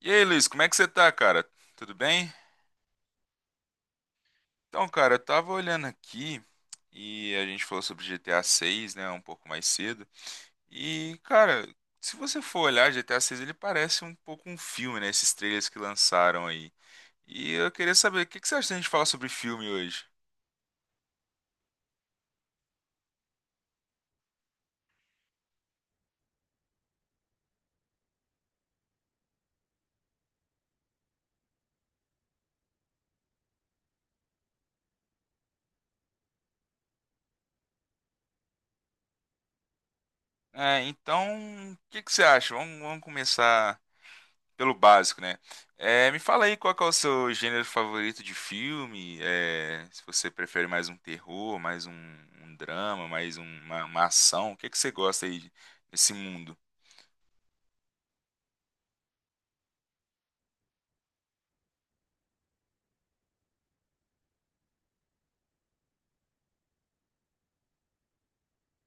E aí, Luiz, como é que você tá, cara? Tudo bem? Então, cara, eu tava olhando aqui e a gente falou sobre GTA 6, né, um pouco mais cedo. E, cara, se você for olhar GTA 6, ele parece um pouco um filme, né, esses trailers que lançaram aí. E eu queria saber, o que que você acha da gente falar sobre filme hoje? É, então, o que que você acha? Vamos começar pelo básico, né? Me fala aí qual que é o seu gênero favorito de filme. Se você prefere mais um terror, um drama, uma ação. O que é que você gosta aí desse mundo?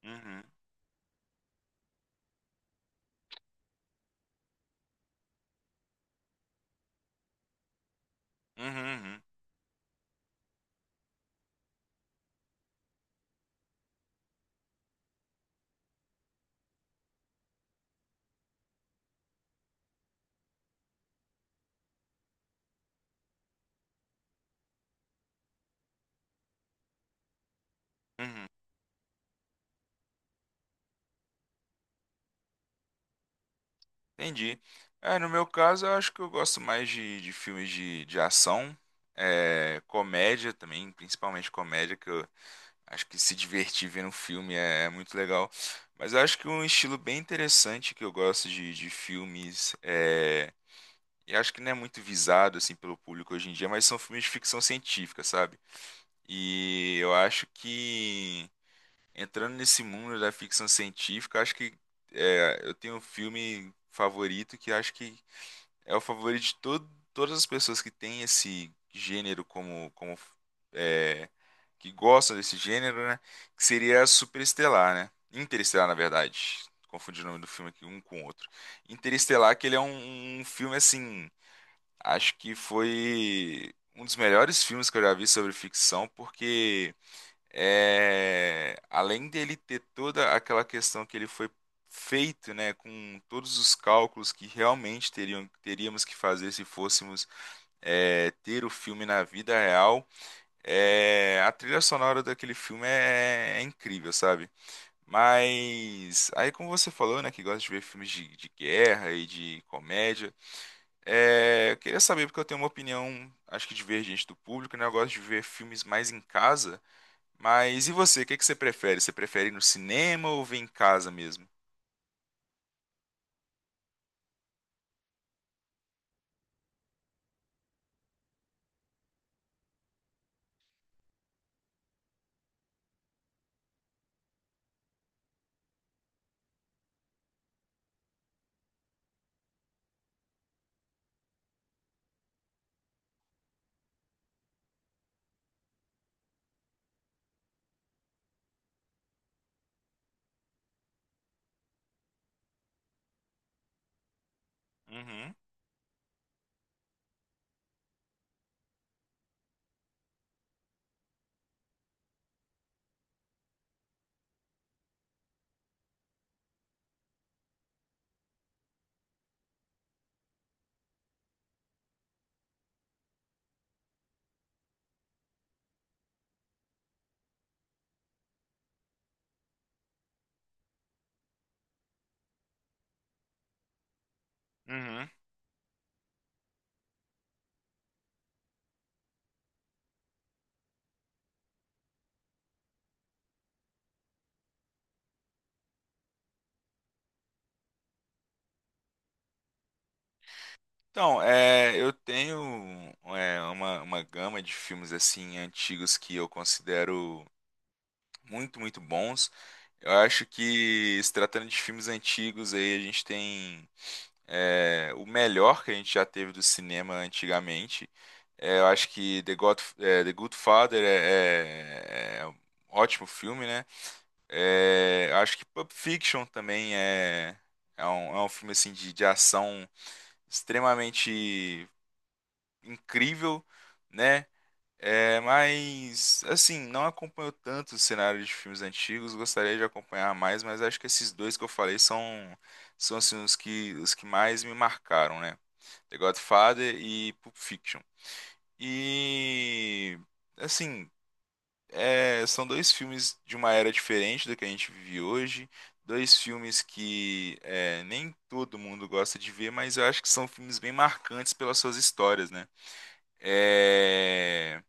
Uhum, uhum, uhum, uhum. Entendi. É, no meu caso, eu acho que eu gosto mais de filmes de ação, é, comédia também, principalmente comédia, que eu acho que se divertir vendo um filme é, é muito legal. Mas eu acho que um estilo bem interessante que eu gosto de filmes, é, e acho que não é muito visado assim pelo público hoje em dia, mas são filmes de ficção científica, sabe? E eu acho que entrando nesse mundo da ficção científica, acho que é, eu tenho um filme favorito que acho que é o favorito de todas as pessoas que têm esse gênero como, como é, que gostam desse gênero, né? Que seria Superestelar, né? Interestelar, na verdade. Confundi o nome do filme aqui um com o outro. Interestelar, que ele é um, um filme assim, acho que foi um dos melhores filmes que eu já vi sobre ficção, porque é, além dele ter toda aquela questão que ele foi feito, né, com todos os cálculos que realmente teríamos que fazer se fôssemos é, ter o filme na vida real, é, a trilha sonora daquele filme é, é incrível, sabe? Mas aí, como você falou, né, que gosta de ver filmes de guerra e de comédia, é, eu queria saber porque eu tenho uma opinião, acho que divergente do público, né? Eu gosto de ver filmes mais em casa. Mas e você? O que que você prefere? Você prefere ir no cinema ou ver em casa mesmo? Uhum, uhum. Então, é, eu tenho é, uma gama de filmes assim antigos que eu considero muito, muito bons. Eu acho que se tratando de filmes antigos aí a gente tem é, o melhor que a gente já teve do cinema antigamente. É, eu acho que The Good Father é um ótimo filme, né? É, acho que Pulp Fiction também é, é um filme assim de ação extremamente incrível, né? É, mas assim, não acompanho tanto o cenário de filmes antigos, gostaria de acompanhar mais, mas acho que esses dois que eu falei são, são assim, os que mais me marcaram, né? The Godfather e Pulp Fiction. E assim, é, são dois filmes de uma era diferente do que a gente vive hoje. Dois filmes que é, nem todo mundo gosta de ver, mas eu acho que são filmes bem marcantes pelas suas histórias, né? É,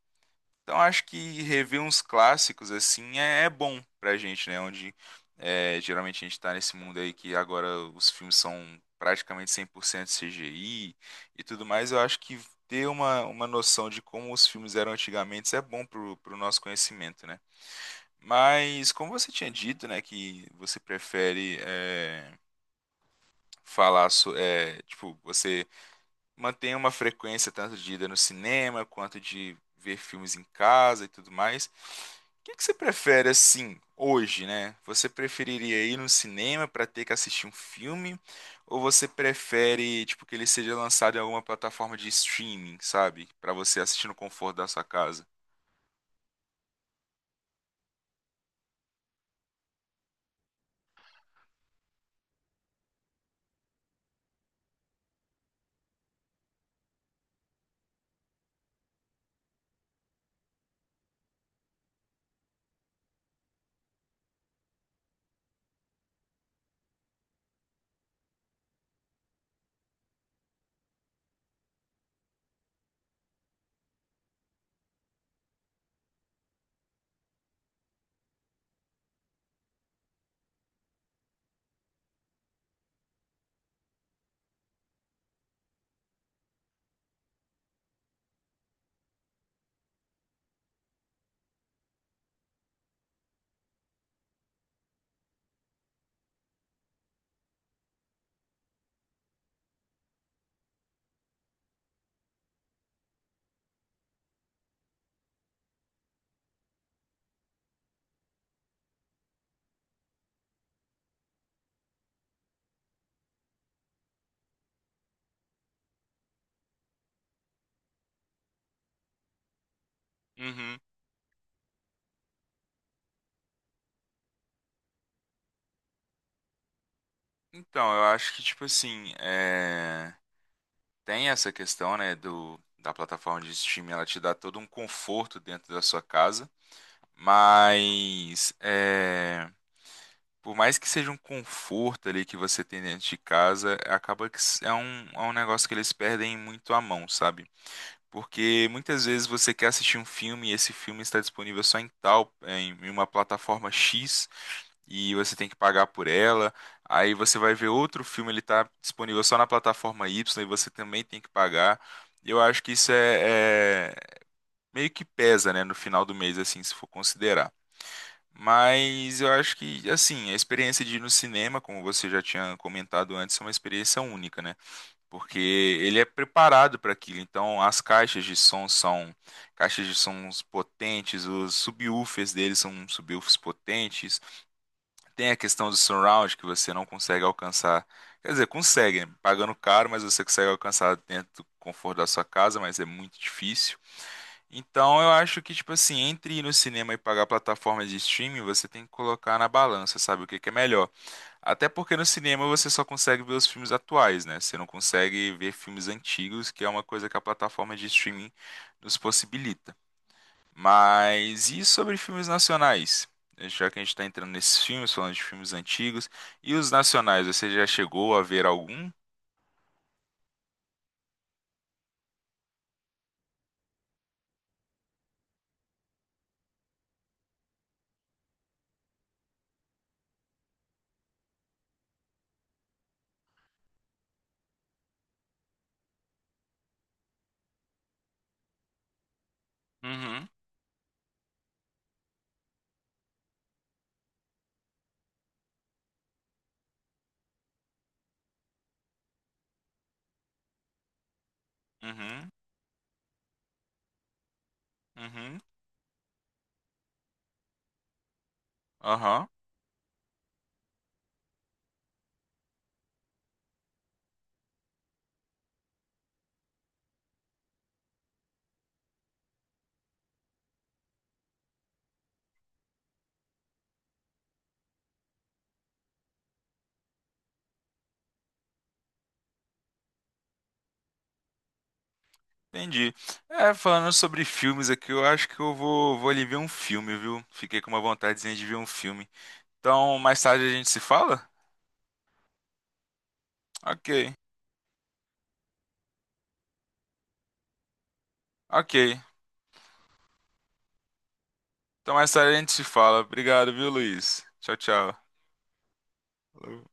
então acho que rever uns clássicos assim é, é bom pra gente, né? Onde é, geralmente a gente tá nesse mundo aí que agora os filmes são praticamente 100% CGI e tudo mais. Eu acho que ter uma noção de como os filmes eram antigamente é bom pro, pro nosso conhecimento, né? Mas como você tinha dito, né, que você prefere é, falar, so, é, tipo, você mantém uma frequência tanto de ida no cinema quanto de ver filmes em casa e tudo mais. O que é que você prefere assim hoje, né? Você preferiria ir no cinema para ter que assistir um filme ou você prefere, tipo, que ele seja lançado em alguma plataforma de streaming, sabe, para você assistir no conforto da sua casa? Uhum. Então, eu acho que tipo assim, é... Tem essa questão, né, do, da plataforma de streaming, ela te dá todo um conforto dentro da sua casa, mas é, por mais que seja um conforto ali que você tem dentro de casa, acaba que é um negócio que eles perdem muito a mão, sabe? Porque muitas vezes você quer assistir um filme e esse filme está disponível só em tal, em uma plataforma X e você tem que pagar por ela. Aí você vai ver outro filme, ele está disponível só na plataforma Y e você também tem que pagar. Eu acho que isso meio que pesa, né, no final do mês, assim, se for considerar. Mas eu acho que, assim, a experiência de ir no cinema, como você já tinha comentado antes, é uma experiência única, né? Porque ele é preparado para aquilo. Então, as caixas de som são caixas de sons potentes, os subwoofers deles são subwoofers potentes. Tem a questão do surround que você não consegue alcançar. Quer dizer, consegue, né? Pagando caro, mas você consegue alcançar dentro do conforto da sua casa, mas é muito difícil. Então, eu acho que, tipo assim, entre ir no cinema e pagar plataformas de streaming, você tem que colocar na balança, sabe? O que que é melhor? Até porque no cinema você só consegue ver os filmes atuais, né? Você não consegue ver filmes antigos, que é uma coisa que a plataforma de streaming nos possibilita. Mas e sobre filmes nacionais? Já que a gente está entrando nesses filmes, falando de filmes antigos, e os nacionais, você já chegou a ver algum? Uhum, uhum, uhum, aham, entendi. É, falando sobre filmes aqui, eu acho que eu vou ali ver um filme, viu? Fiquei com uma vontadezinha de ver um filme. Então, mais tarde a gente se fala? Ok. Ok. Então mais tarde a gente se fala. Obrigado, viu, Luiz? Tchau, tchau. Falou.